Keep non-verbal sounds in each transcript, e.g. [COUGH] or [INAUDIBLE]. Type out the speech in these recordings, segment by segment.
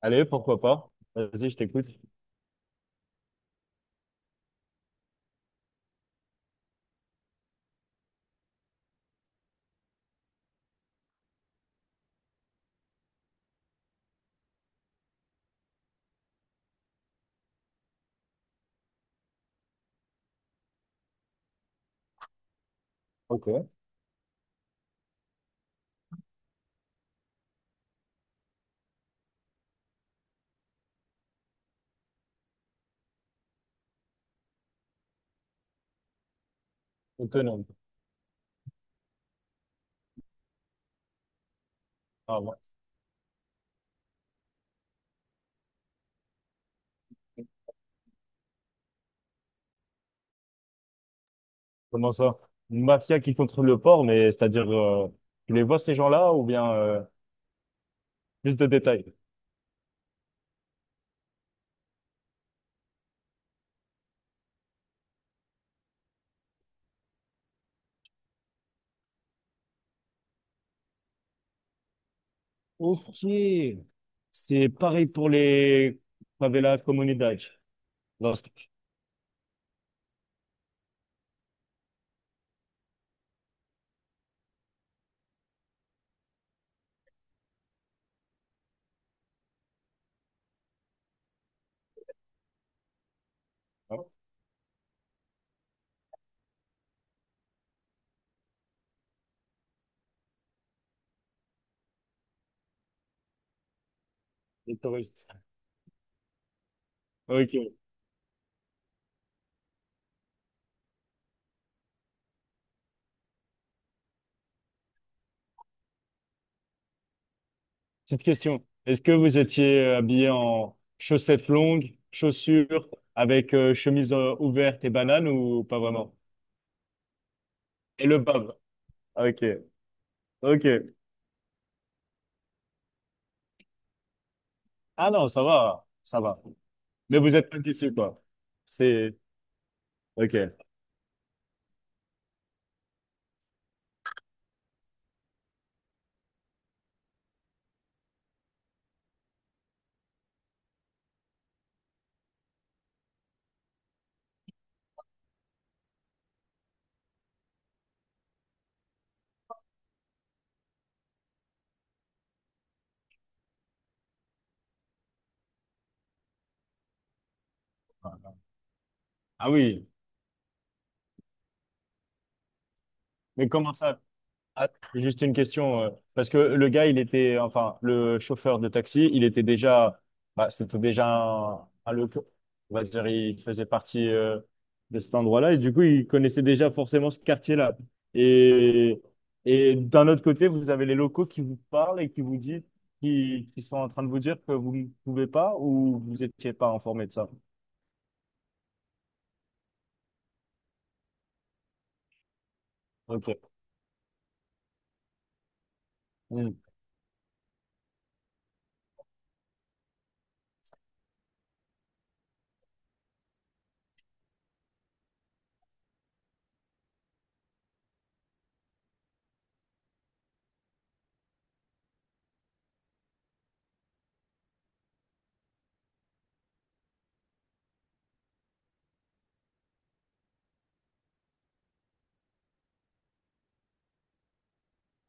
Allez, pourquoi pas? Vas-y, je t'écoute. Ok. Autonome. Ah, ouais. Comment ça? Une mafia qui contrôle le port, mais c'est-à-dire, tu les vois ces gens-là ou bien plus de détails? Ok. C'est pareil pour les favelas comunidades. Non, hein, les touristes. Ok. Petite question. Est-ce que vous étiez habillé en chaussettes longues, chaussures, avec chemise ouverte et banane ou pas vraiment? Et le bab. Ok. Ok. Ah non, ça va, ça va. Mais vous êtes pas d'ici, quoi. C'est... Ok. Ah oui, mais comment ça? Ah, juste une question, parce que le gars, il était... Enfin, le chauffeur de taxi, il était déjà... Bah, c'était déjà on va dire, il faisait partie de cet endroit-là, et du coup, il connaissait déjà forcément ce quartier-là. Et, et d'un autre côté, vous avez les locaux qui vous parlent et qui vous disent... qui sont en train de vous dire que vous ne pouvez pas ou vous n'étiez pas informé de ça? Ok. Hmm.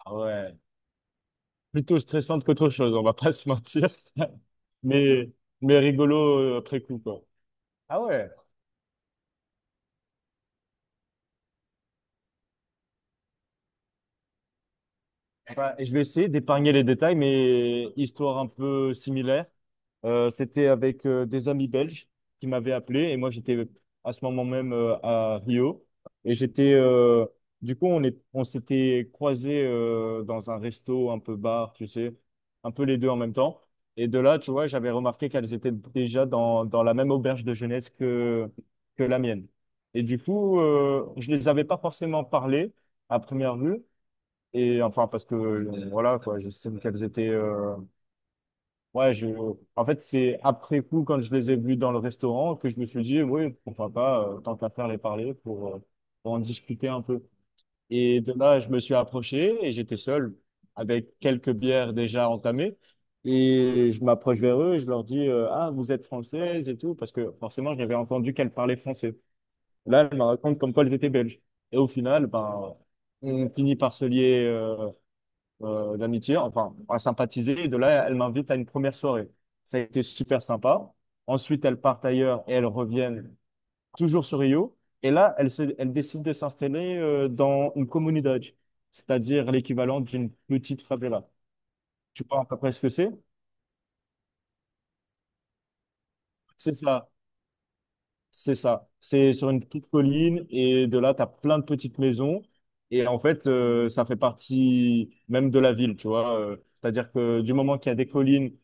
Ah ouais. Plutôt stressante qu'autre chose, on va pas se mentir. [LAUGHS] Mais, mais rigolo après coup, quoi. Ah ouais. Ouais, et je vais essayer d'épargner les détails, mais histoire un peu similaire. C'était avec des amis belges qui m'avaient appelé et moi j'étais à ce moment même à Rio. Et j'étais du coup on s'était croisés dans un resto un peu bar, tu sais, un peu les deux en même temps. Et de là, tu vois, j'avais remarqué qu'elles étaient déjà dans la même auberge de jeunesse que la mienne, et du coup je les avais pas forcément parlé à première vue. Et enfin, parce que voilà, quoi, j'estime qu'elles étaient. Ouais, je... En fait, c'est après coup, quand je les ai vues dans le restaurant, que je me suis dit, oui, pourquoi pas, tant qu'à faire les parler pour en discuter un peu. Et de là, je me suis approché et j'étais seul, avec quelques bières déjà entamées. Et je m'approche vers eux et je leur dis, ah, vous êtes française et tout, parce que forcément, j'avais entendu qu'elles parlaient français. Là, elles me racontent comme quoi elles étaient belges. Et au final, ben, on finit par se lier. D'amitié, enfin, à sympathiser. Et de là, elle m'invite à une première soirée. Ça a été super sympa. Ensuite, elles partent ailleurs et elles reviennent toujours sur Rio. Et là, elles, elles décident de s'installer dans une comunidad, c'est-à-dire l'équivalent d'une petite favela. Tu vois à peu près ce que c'est? C'est ça. C'est ça. C'est sur une petite colline et de là, tu as plein de petites maisons. Et en fait, ça fait partie même de la ville, tu vois. C'est-à-dire que du moment qu'il y a des collines,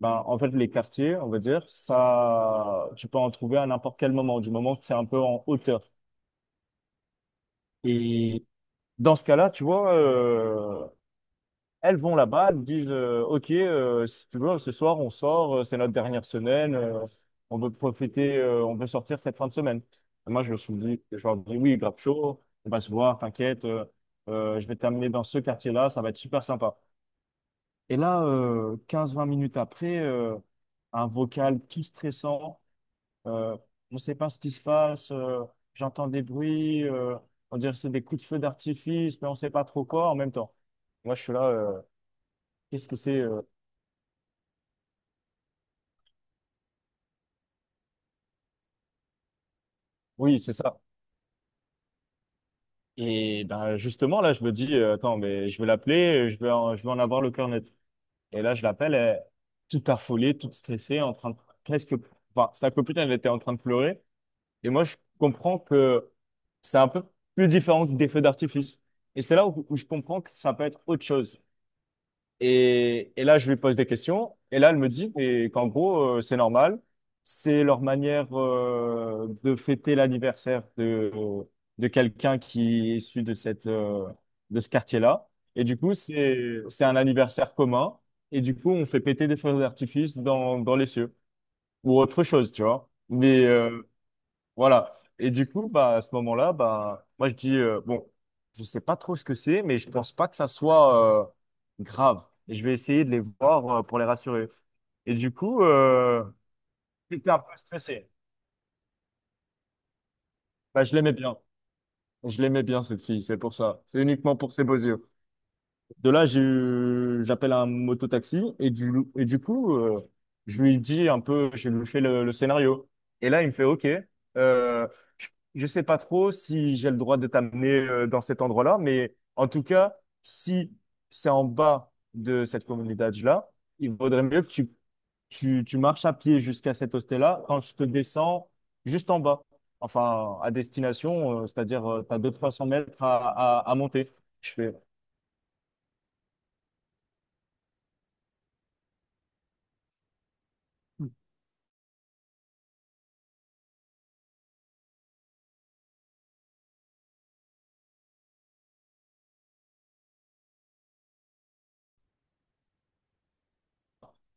ben, en fait, les quartiers, on va dire, ça, tu peux en trouver à n'importe quel moment, du moment que c'est un peu en hauteur. Et dans ce cas-là, tu vois, elles vont là-bas, elles nous disent OK, si tu veux, ce soir on sort, c'est notre dernière semaine, on veut profiter, on veut sortir cette fin de semaine. Et moi, je me suis dit, je leur dis oui, grave chaud, on va se voir, t'inquiète, je vais t'amener dans ce quartier-là, ça va être super sympa. Et là, 15-20 minutes après, un vocal tout stressant, euh, on ne sait pas ce qui se passe, j'entends des bruits, on dirait que c'est des coups de feu d'artifice, mais on ne sait pas trop quoi en même temps. Moi, je suis là. Qu'est-ce que c'est? Oui, c'est ça. Et ben justement, là, je me dis, attends, mais je vais l'appeler, je vais en avoir le cœur net. Et là, je l'appelle, elle est toute affolée, toute stressée, en train de presque, enfin, sa copine, elle était en train de pleurer. Et moi, je comprends que c'est un peu plus différent que des feux d'artifice. Et c'est là où, où je comprends que ça peut être autre chose. Et là, je lui pose des questions. Et là, elle me dit mais qu'en gros, c'est normal. C'est leur manière de fêter l'anniversaire de quelqu'un qui est issu de cette, de ce quartier-là. Et du coup, c'est un anniversaire commun. Et du coup, on fait péter des feux d'artifice dans, dans les cieux ou autre chose, tu vois. Mais, voilà. Et du coup, bah, à ce moment-là, bah, moi, je dis, bon, je sais pas trop ce que c'est, mais je pense pas que ça soit grave. Et je vais essayer de les voir pour les rassurer. Et du coup, j'étais un peu stressé. Bah, je l'aimais bien. Je l'aimais bien, cette fille, c'est pour ça. C'est uniquement pour ses beaux yeux. De là, j'appelle un mototaxi et du coup, je lui dis un peu, je lui fais le scénario. Et là, il me fait, OK, euh, je, je sais pas trop si j'ai le droit de t'amener dans cet endroit-là, mais en tout cas, si c'est en bas de cette communauté-là, il vaudrait mieux que tu marches à pied jusqu'à cet hostel-là quand je te descends juste en bas. Enfin, à destination, c'est-à-dire, tu as 200-300 mètres à monter. Je fais.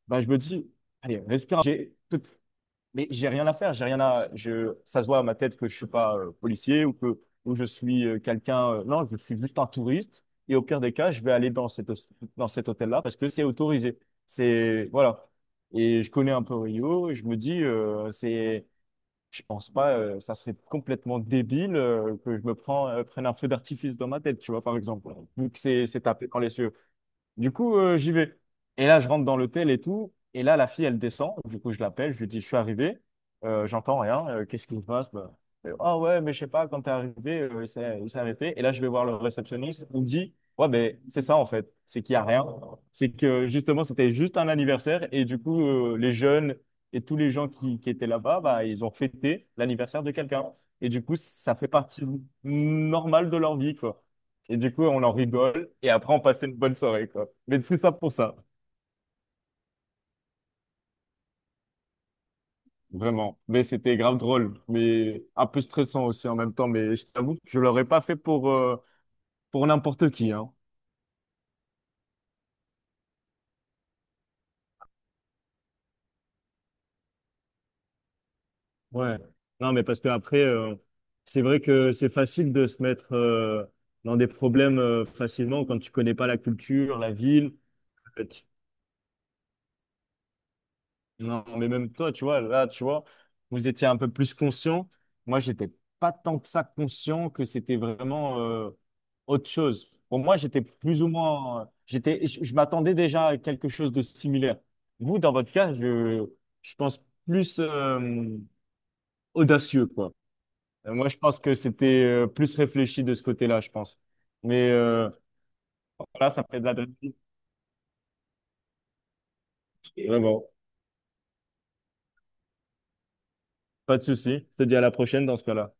Bah, je me dis, allez, respire. Mais j'ai rien à faire, j'ai rien à. Je, ça se voit à ma tête que je suis pas policier ou que ou je suis quelqu'un. Non, je suis juste un touriste. Et au pire des cas, je vais aller dans cette, dans cet hôtel-là parce que c'est autorisé. C'est voilà. Et je connais un peu Rio et je me dis, c'est, je pense pas, ça serait complètement débile que je me prends, prenne un feu d'artifice dans ma tête, tu vois, par exemple, vu que c'est tapé dans les yeux. Du coup, j'y vais. Et là, je rentre dans l'hôtel et tout. Et là, la fille, elle descend. Du coup, je l'appelle. Je lui dis, je suis arrivé. J'entends rien. Qu'est-ce qui se passe? Bah, ah ouais, mais je sais pas, quand t'es arrivé, il s'est arrêté. Et là, je vais voir le réceptionniste. Il me dit, ouais, ben, c'est ça, en fait. C'est qu'il y a rien. C'est que, justement, c'était juste un anniversaire. Et du coup, les jeunes et tous les gens qui étaient là-bas, bah, ils ont fêté l'anniversaire de quelqu'un. Et du coup, ça fait partie normale de leur vie, quoi. Et du coup, on en rigole. Et après, on passait une bonne soirée, quoi. Mais tout ça pour ça, vraiment. Mais c'était grave drôle, mais un peu stressant aussi en même temps. Mais je t'avoue que je l'aurais pas fait pour n'importe qui, hein. Ouais. Non, mais parce que après, c'est vrai que c'est facile de se mettre dans des problèmes facilement quand tu connais pas la culture, la ville. Non, mais même toi, tu vois, là, tu vois, vous étiez un peu plus conscient. Moi, j'étais pas tant que ça conscient que c'était vraiment autre chose. Pour moi, j'étais plus ou moins, j'étais, je m'attendais déjà à quelque chose de similaire. Vous, dans votre cas, je pense plus audacieux, quoi. Moi, je pense que c'était plus réfléchi de ce côté-là, je pense. Mais voilà, ça me fait de la. Vraiment. Pas de souci. Je te dis à la prochaine dans ce cas-là.